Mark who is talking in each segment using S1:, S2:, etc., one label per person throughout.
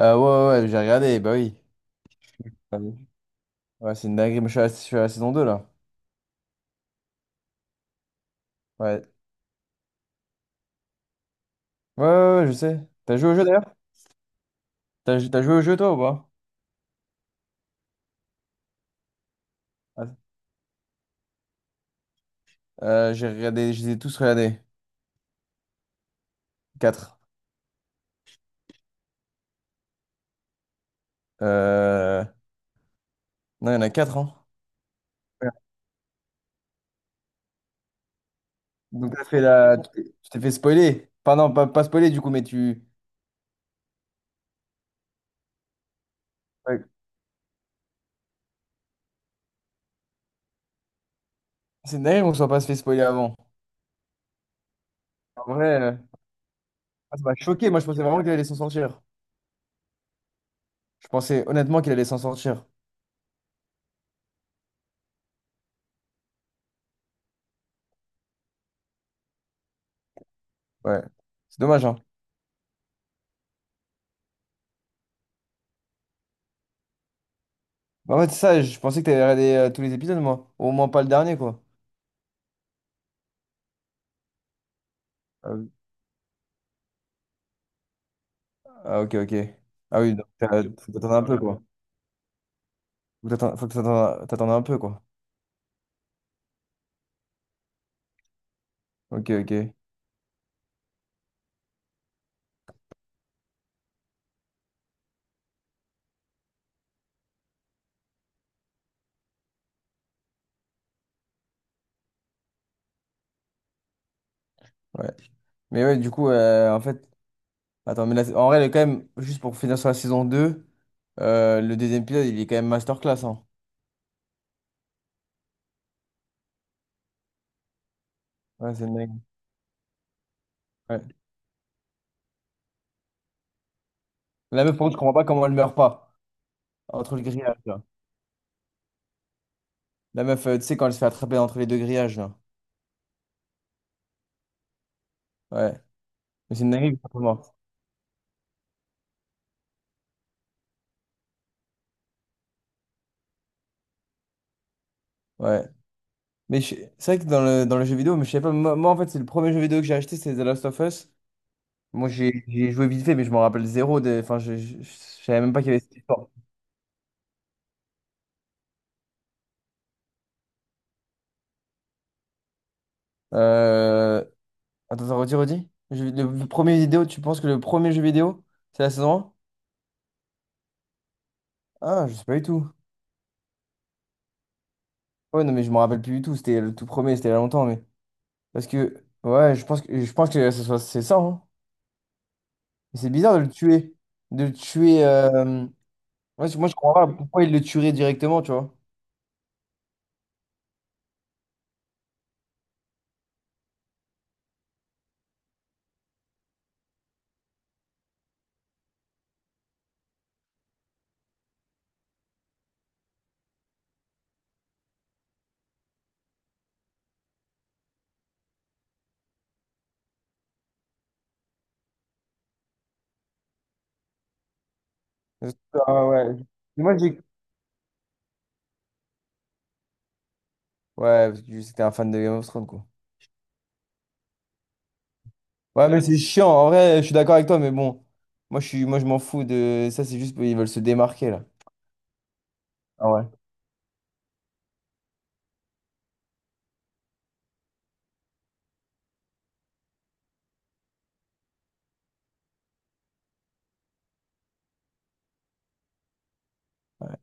S1: Ouais, ouais, ouais, j'ai regardé, bah oui. Ah oui. Ouais, c'est une dinguerie, mais je suis à la saison deux là. Ouais. Ouais, ouais, ouais, je sais. T'as joué au jeu d'ailleurs? T'as joué au jeu toi ou pas? Ah. J'ai regardé, je les ai tous regardés. Quatre. Euh... Non, il y en a 4 hein. Ouais. Donc tu t'es fait spoiler. Enfin non, pas spoiler du coup, mais tu... Ouais. C'est une dinguerie qu'on soit pas se fait spoiler avant. En vrai, ça m'a choqué, moi je pensais vraiment qu'il allait s'en sortir. Je pensais honnêtement qu'il allait s'en sortir. Ouais. C'est dommage, hein. Bah, en fait, c'est ça, je pensais que t'avais regardé tous les épisodes, moi. Au moins pas le dernier, quoi. Ah, oui. Ah, ok, ok. Ah oui, donc faut t'attendre un peu, quoi. Faut que t'attendre un peu, quoi. Ok, ok. Ouais. Mais ouais, du coup, en fait. Attends, mais là, en vrai, elle est quand même. Juste pour finir sur la saison 2 le deuxième épisode, il est quand même masterclass, hein. Ouais, c'est dingue. Ouais. La meuf, par contre, je comprends pas comment elle meurt pas. Entre le grillage, là. La meuf, tu sais, quand elle se fait attraper entre les deux grillages, là. Ouais. Mais c'est une dinguerie, elle est pas morte. Ouais. Mais c'est vrai que dans le jeu vidéo, mais je sais pas, moi, moi, en fait, c'est le premier jeu vidéo que j'ai acheté, c'est The Last of Us. Moi, j'ai joué vite fait, mais je m'en rappelle zéro. Enfin, je savais même pas qu'il y avait cette histoire. Euh... Attends, attends, redis, redis. Le premier vidéo, tu penses que le premier jeu vidéo, c'est la saison un. Ah, je sais pas du tout. Ouais, non, mais je me rappelle plus du tout. C'était le tout premier, c'était il y a longtemps, mais. Parce que, ouais, je pense que, c'est ça, hein. Mais c'est bizarre de le tuer. De le tuer. Ouais, moi, je comprends pas pourquoi il le tuerait directement, tu vois. Ah ouais. Mais moi, j'ai. Ouais, parce que c'était un fan de Game of Thrones, quoi. Ouais, mais c'est chiant. En vrai, je suis d'accord avec toi, mais bon. Moi, je suis. Moi, je m'en fous de. Ça, c'est juste. Ils veulent se démarquer, là. Ah ouais. Ouais.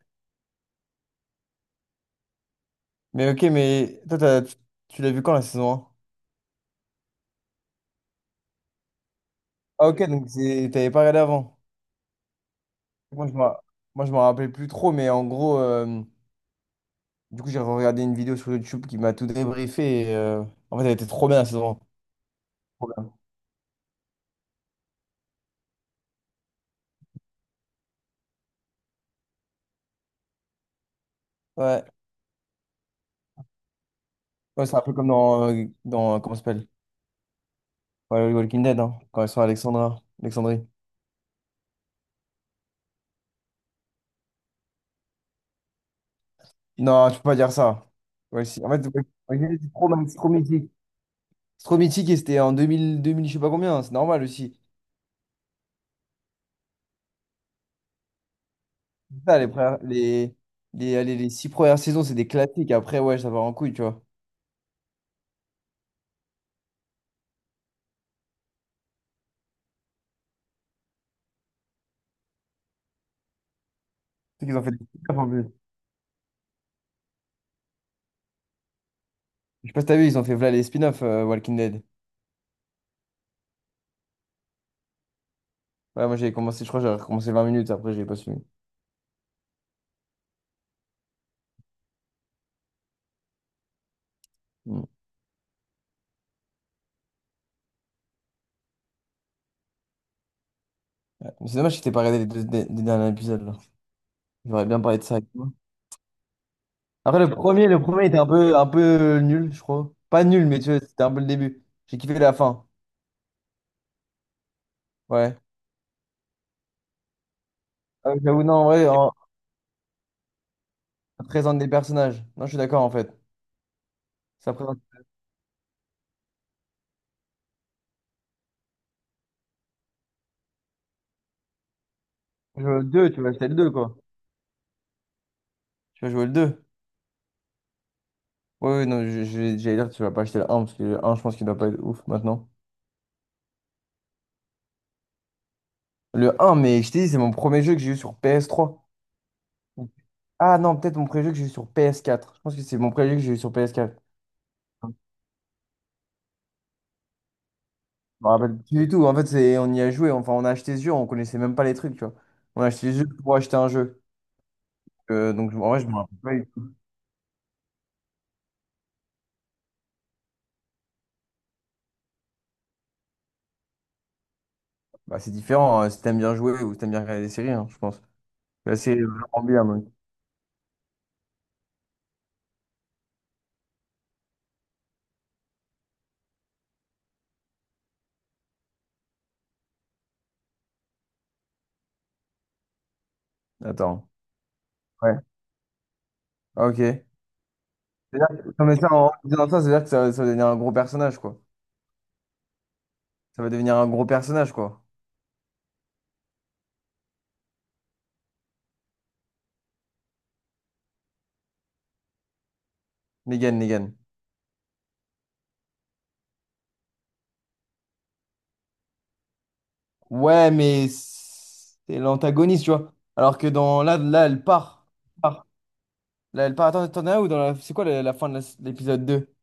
S1: Mais ok, mais. Toi, tu l'as vu quand, la saison un. Ah ok, donc t'avais pas regardé avant. Moi, je m'en. Moi, je m'en rappelais plus trop, mais en gros. Du coup, j'ai regardé une vidéo sur YouTube qui m'a tout débriefé. Et, en fait, elle était trop bien, la saison 1. Trop bien. Ouais. Ouais, c'est un peu comme dans, comment ça s'appelle? Ouais, le Walking Dead, hein, quand ils sont à Alexandra, Alexandrie. Non, je peux pas dire ça. Ouais, si. En fait, ouais, Walking Dead, c'est trop mythique. C'est trop mythique et c'était en 2000, 2000, je sais pas combien, hein, c'est normal aussi. C'est ça, les, premières- les, allez, les six premières saisons, c'est des classiques. Après, ouais, ça part en couille, tu vois. C'est qu'ils ont fait des spin-offs en plus. Je sais pas si t'as vu, ils ont fait voilà les spin-offs Walking Dead. Ouais, moi j'avais commencé, je crois, j'avais recommencé 20 minutes, après j'ai pas suivi. Mm. Mais c'est dommage que t'aies pas regardé les deux des derniers épisodes, là. J'aurais bien parlé de ça avec toi. Après, le premier était un peu nul, je crois. Pas nul, mais tu vois, c'était un peu le début. J'ai kiffé la fin. Ouais. Ah, j'avoue, non, en vrai, en ça présente des personnages. Non, je suis d'accord, en fait. Ça présente. Je veux le 2, tu vas acheter le 2 quoi. Tu vas jouer le deux. Oui ouais, non, j'allais dire, tu vas pas acheter le un parce que le un je pense qu'il doit pas être ouf maintenant. Le un mais je t'ai dit, c'est mon premier jeu que j'ai eu sur PS3. Ah non, peut-être mon premier jeu que j'ai eu sur PS4. Je pense que c'est mon premier jeu que j'ai eu sur PS4. Je me rappelle plus du tout. En fait, c'est, on y a joué. Enfin, on a acheté ce jeu, on connaissait même pas les trucs, tu vois. On a acheté ce jeu pour acheter un jeu. Donc, en vrai, je me rappelle pas du tout. Bah, c'est différent hein, si t'aimes bien jouer ou si t'aimes bien regarder des séries, hein, je pense. La série est vraiment bien, mec. Attends. Ouais. Ah, ok. Non, mais ça, en disant ça, c'est-à-dire que ça va devenir un gros personnage, quoi. Ça va devenir un gros personnage, quoi. Negan, Negan. Ouais, mais c'est l'antagoniste, tu vois. Alors que dans là, là, elle part. Part. Là, elle part. Attends, t'en as un où dans la. C'est quoi la fin de l'épisode deux.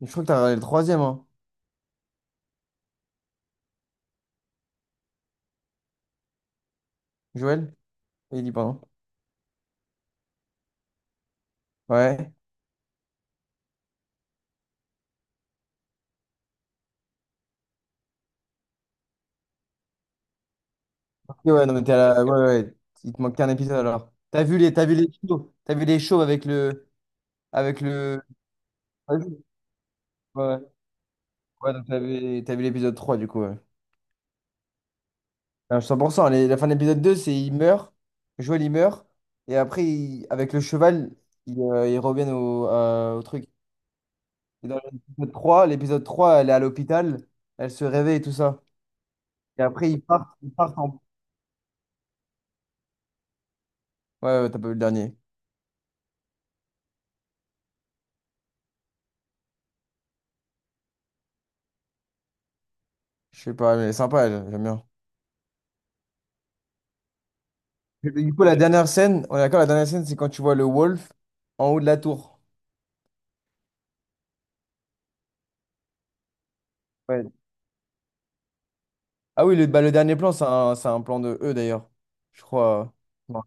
S1: Je crois que t'as regardé le troisième, hein. Joël? Il dit, pardon. Ouais. Ok, ouais, non, mais t'es à la, ouais, ouais. Ouais. Il te manque qu'un épisode alors. T'as vu les shows. T'as vu les shows avec le. Avec le. Ouais, ouais, ouais, donc t'as vu l'épisode 3 du coup. Ouais. Ah, 100%. La fin de l'épisode 2 c'est il meurt. Joël, il meurt. Et après, avec le cheval, ils reviennent au truc. Et dans l'épisode trois elle est à l'hôpital. Elle se réveille et tout ça. Et après, ils partent en. Ouais, ouais, t'as pas vu le dernier. Je sais pas, mais elle est sympa, elle, j'aime bien. Et du coup, la dernière scène, on est d'accord, la dernière scène, c'est quand tu vois le Wolf en haut de la tour. Ouais. Ah oui, le dernier plan, c'est un plan de eux d'ailleurs. Je crois. Ouais.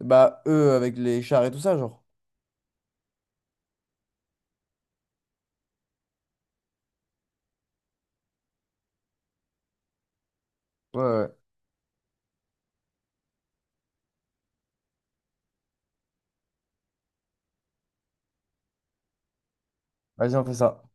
S1: Bah, eux avec les chars et tout ça, genre. Ouais, ouais. Vas-y, on fait ça.